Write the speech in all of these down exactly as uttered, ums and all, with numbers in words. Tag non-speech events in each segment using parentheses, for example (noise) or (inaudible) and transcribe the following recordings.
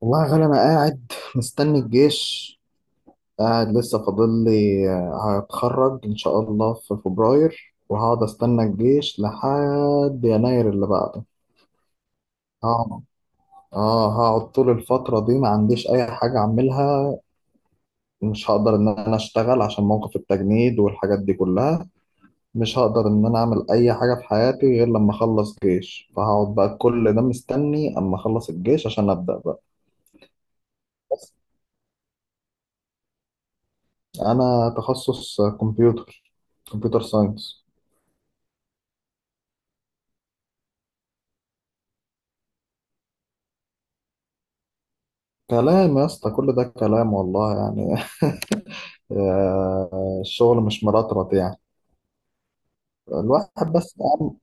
والله يا غالي أنا قاعد مستني الجيش. قاعد لسه فاضل لي آه، هتخرج إن شاء الله في فبراير وهقعد أستنى الجيش لحد يناير اللي بعده. هقعد، آه هقعد طول الفترة دي ما عنديش أي حاجة أعملها. مش هقدر إن أنا أشتغل عشان موقف التجنيد والحاجات دي كلها. مش هقدر إن أنا أعمل أي حاجة في حياتي غير لما أخلص جيش، فهقعد بقى كل ده مستني أما أخلص الجيش عشان أبدأ بقى. انا تخصص كمبيوتر، كمبيوتر ساينس. كلام يا اسطى، كل ده كلام والله يعني. (laughs) آه، الشغل مش مرطرط يعني. الواحد بس أهم-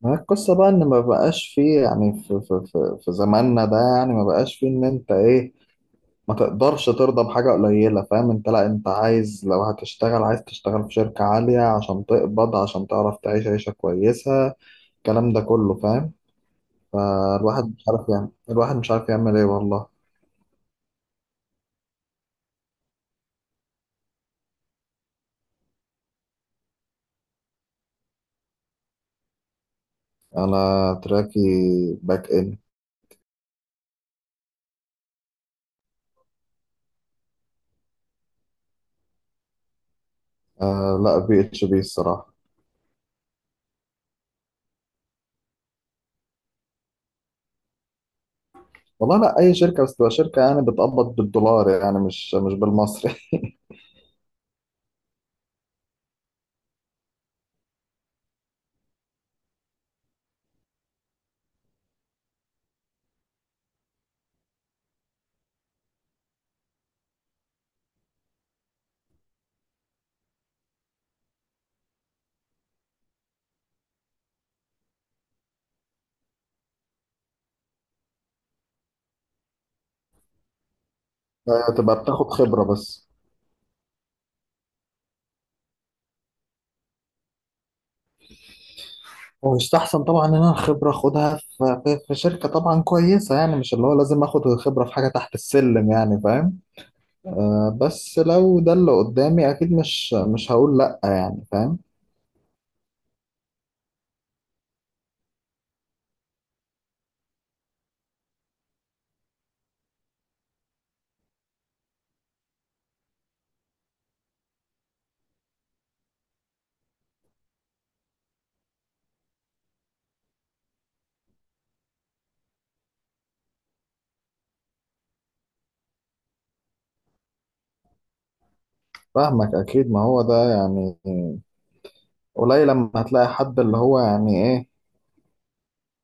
ما هي القصة بقى ان ما بقاش فيه يعني في, في, في, في زماننا ده، يعني ما بقاش فيه ان انت ايه، ما تقدرش ترضى بحاجة قليلة، فاهم؟ انت لا انت عايز لو هتشتغل عايز تشتغل في شركة عالية عشان تقبض، عشان تعرف تعيش عيشة كويسة، الكلام ده كله فاهم. فالواحد مش عارف، يعني الواحد مش عارف يعمل ايه والله. انا تراكي باك اند. آه لا، بي اتش بي الصراحه. والله لا، اي شركه بس تبقى شركه يعني بتقبض بالدولار، يعني مش مش بالمصري. (laughs) آه، تبقى بتاخد خبره بس. ويستحسن طبعا ان انا الخبره اخدها في في, في شركه طبعا كويسه، يعني مش اللي هو لازم اخد الخبره في حاجه تحت السلم، يعني فاهم. آه بس لو ده اللي قدامي اكيد مش مش هقول لا، يعني فاهم. فاهمك اكيد، ما هو ده يعني قليل لما هتلاقي حد اللي هو يعني ايه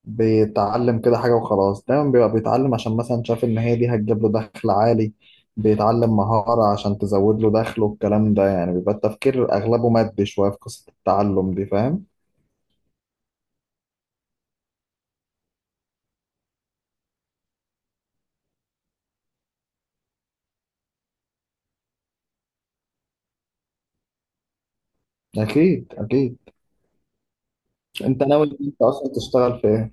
بيتعلم كده حاجة وخلاص، دايما بيبقى بيتعلم عشان مثلا شاف إن هي دي هتجيب له دخل عالي، بيتعلم مهارة عشان تزود له دخله، والكلام ده يعني بيبقى التفكير أغلبه مادي شوية في قصة التعلم دي، فاهم؟ أكيد أكيد. أنت ناوي إن أنت أصلا تشتغل في إيه؟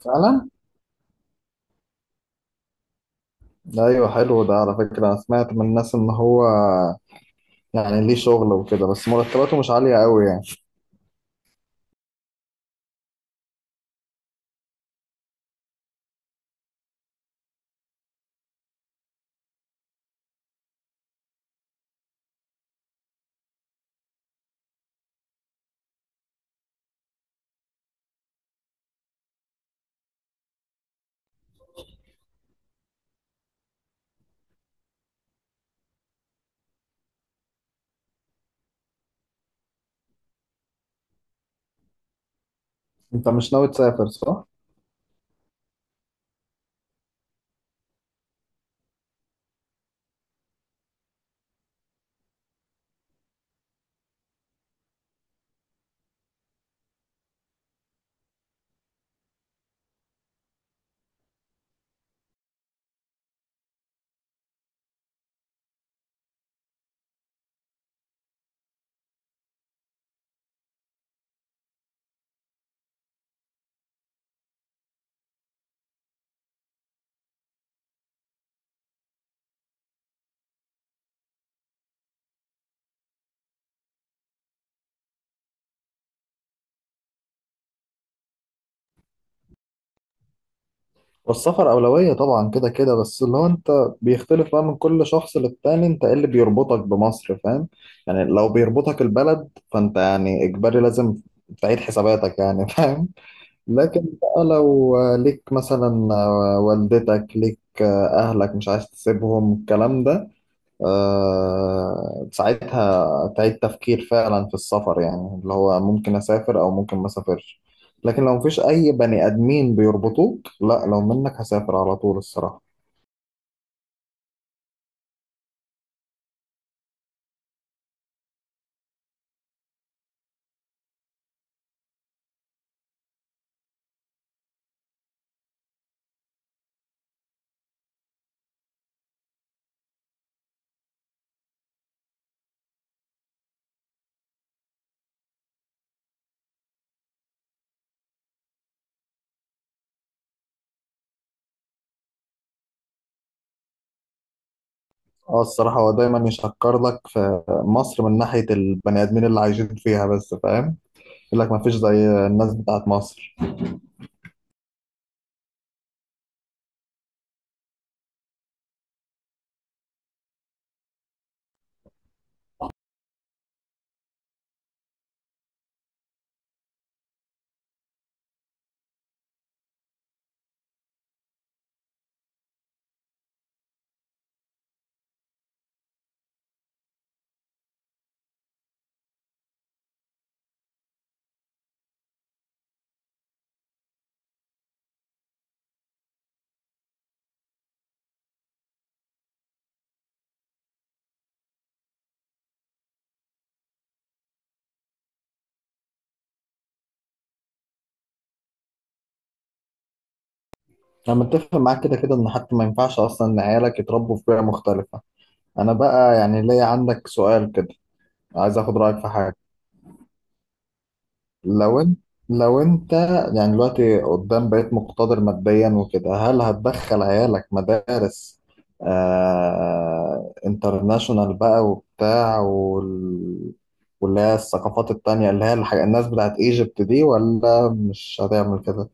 فعلا؟ أيوه حلو، ده على فكرة أنا سمعت من الناس إن هو يعني ليه شغل وكده بس مرتباته مش عالية أوي يعني. أنت مش ناوي تسافر صح؟ والسفر أولوية طبعا كده كده، بس اللي هو أنت بيختلف بقى من كل شخص للتاني، أنت إيه اللي بيربطك بمصر فاهم؟ يعني لو بيربطك البلد فأنت يعني إجباري لازم تعيد حساباتك يعني. (laughs) فاهم. لكن بقى لو ليك مثلا والدتك، ليك أهلك مش عايز تسيبهم الكلام ده، آه، ساعتها تعيد تفكير فعلا في السفر، يعني اللي هو ممكن أسافر أو ممكن ما أسافرش. لكن لو مفيش أي بني آدمين بيربطوك لا، لو منك هسافر على طول الصراحة. اه الصراحة هو دايما يشكر لك في مصر من ناحية البني آدمين اللي عايشين فيها، بس فاهم، يقول لك مفيش زي الناس بتاعت مصر. أنا متفق معاك كده كده إن حتى ما ينفعش أصلا إن عيالك يتربوا في بيئة مختلفة. أنا بقى يعني ليا عندك سؤال كده، عايز آخد رأيك في حاجة. لو انت لو انت يعني دلوقتي قدام بقيت مقتدر ماديا وكده، هل هتدخل عيالك مدارس آه انترناشونال بقى وبتاع وال... واللي هي الثقافات التانية اللي هي الح... الناس بتاعت ايجيبت دي ولا مش هتعمل كده؟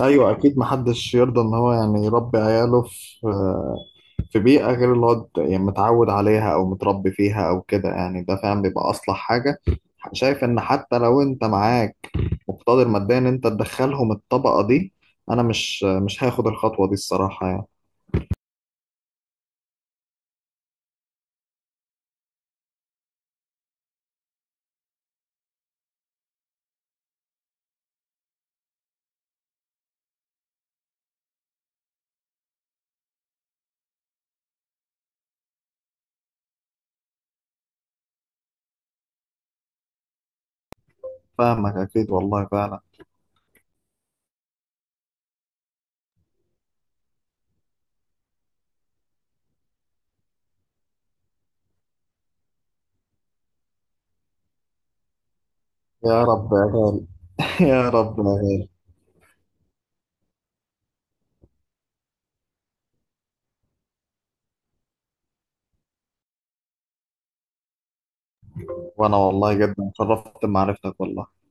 ايوه اكيد، محدش يرضى ان هو يعني يربي عياله في في بيئه غير اللي هو ت- يعني متعود عليها او متربي فيها او كده، يعني ده فعلا بيبقى اصلح حاجه. شايف ان حتى لو انت معاك مقتدر ماديا ان انت تدخلهم الطبقه دي، انا مش مش هاخد الخطوه دي الصراحه يعني. فاهمك اكيد والله فعلا. يا رب يا غالي. (laughs) يا رب يا غالي. وانا والله جدا اتشرفت بمعرفتك والله.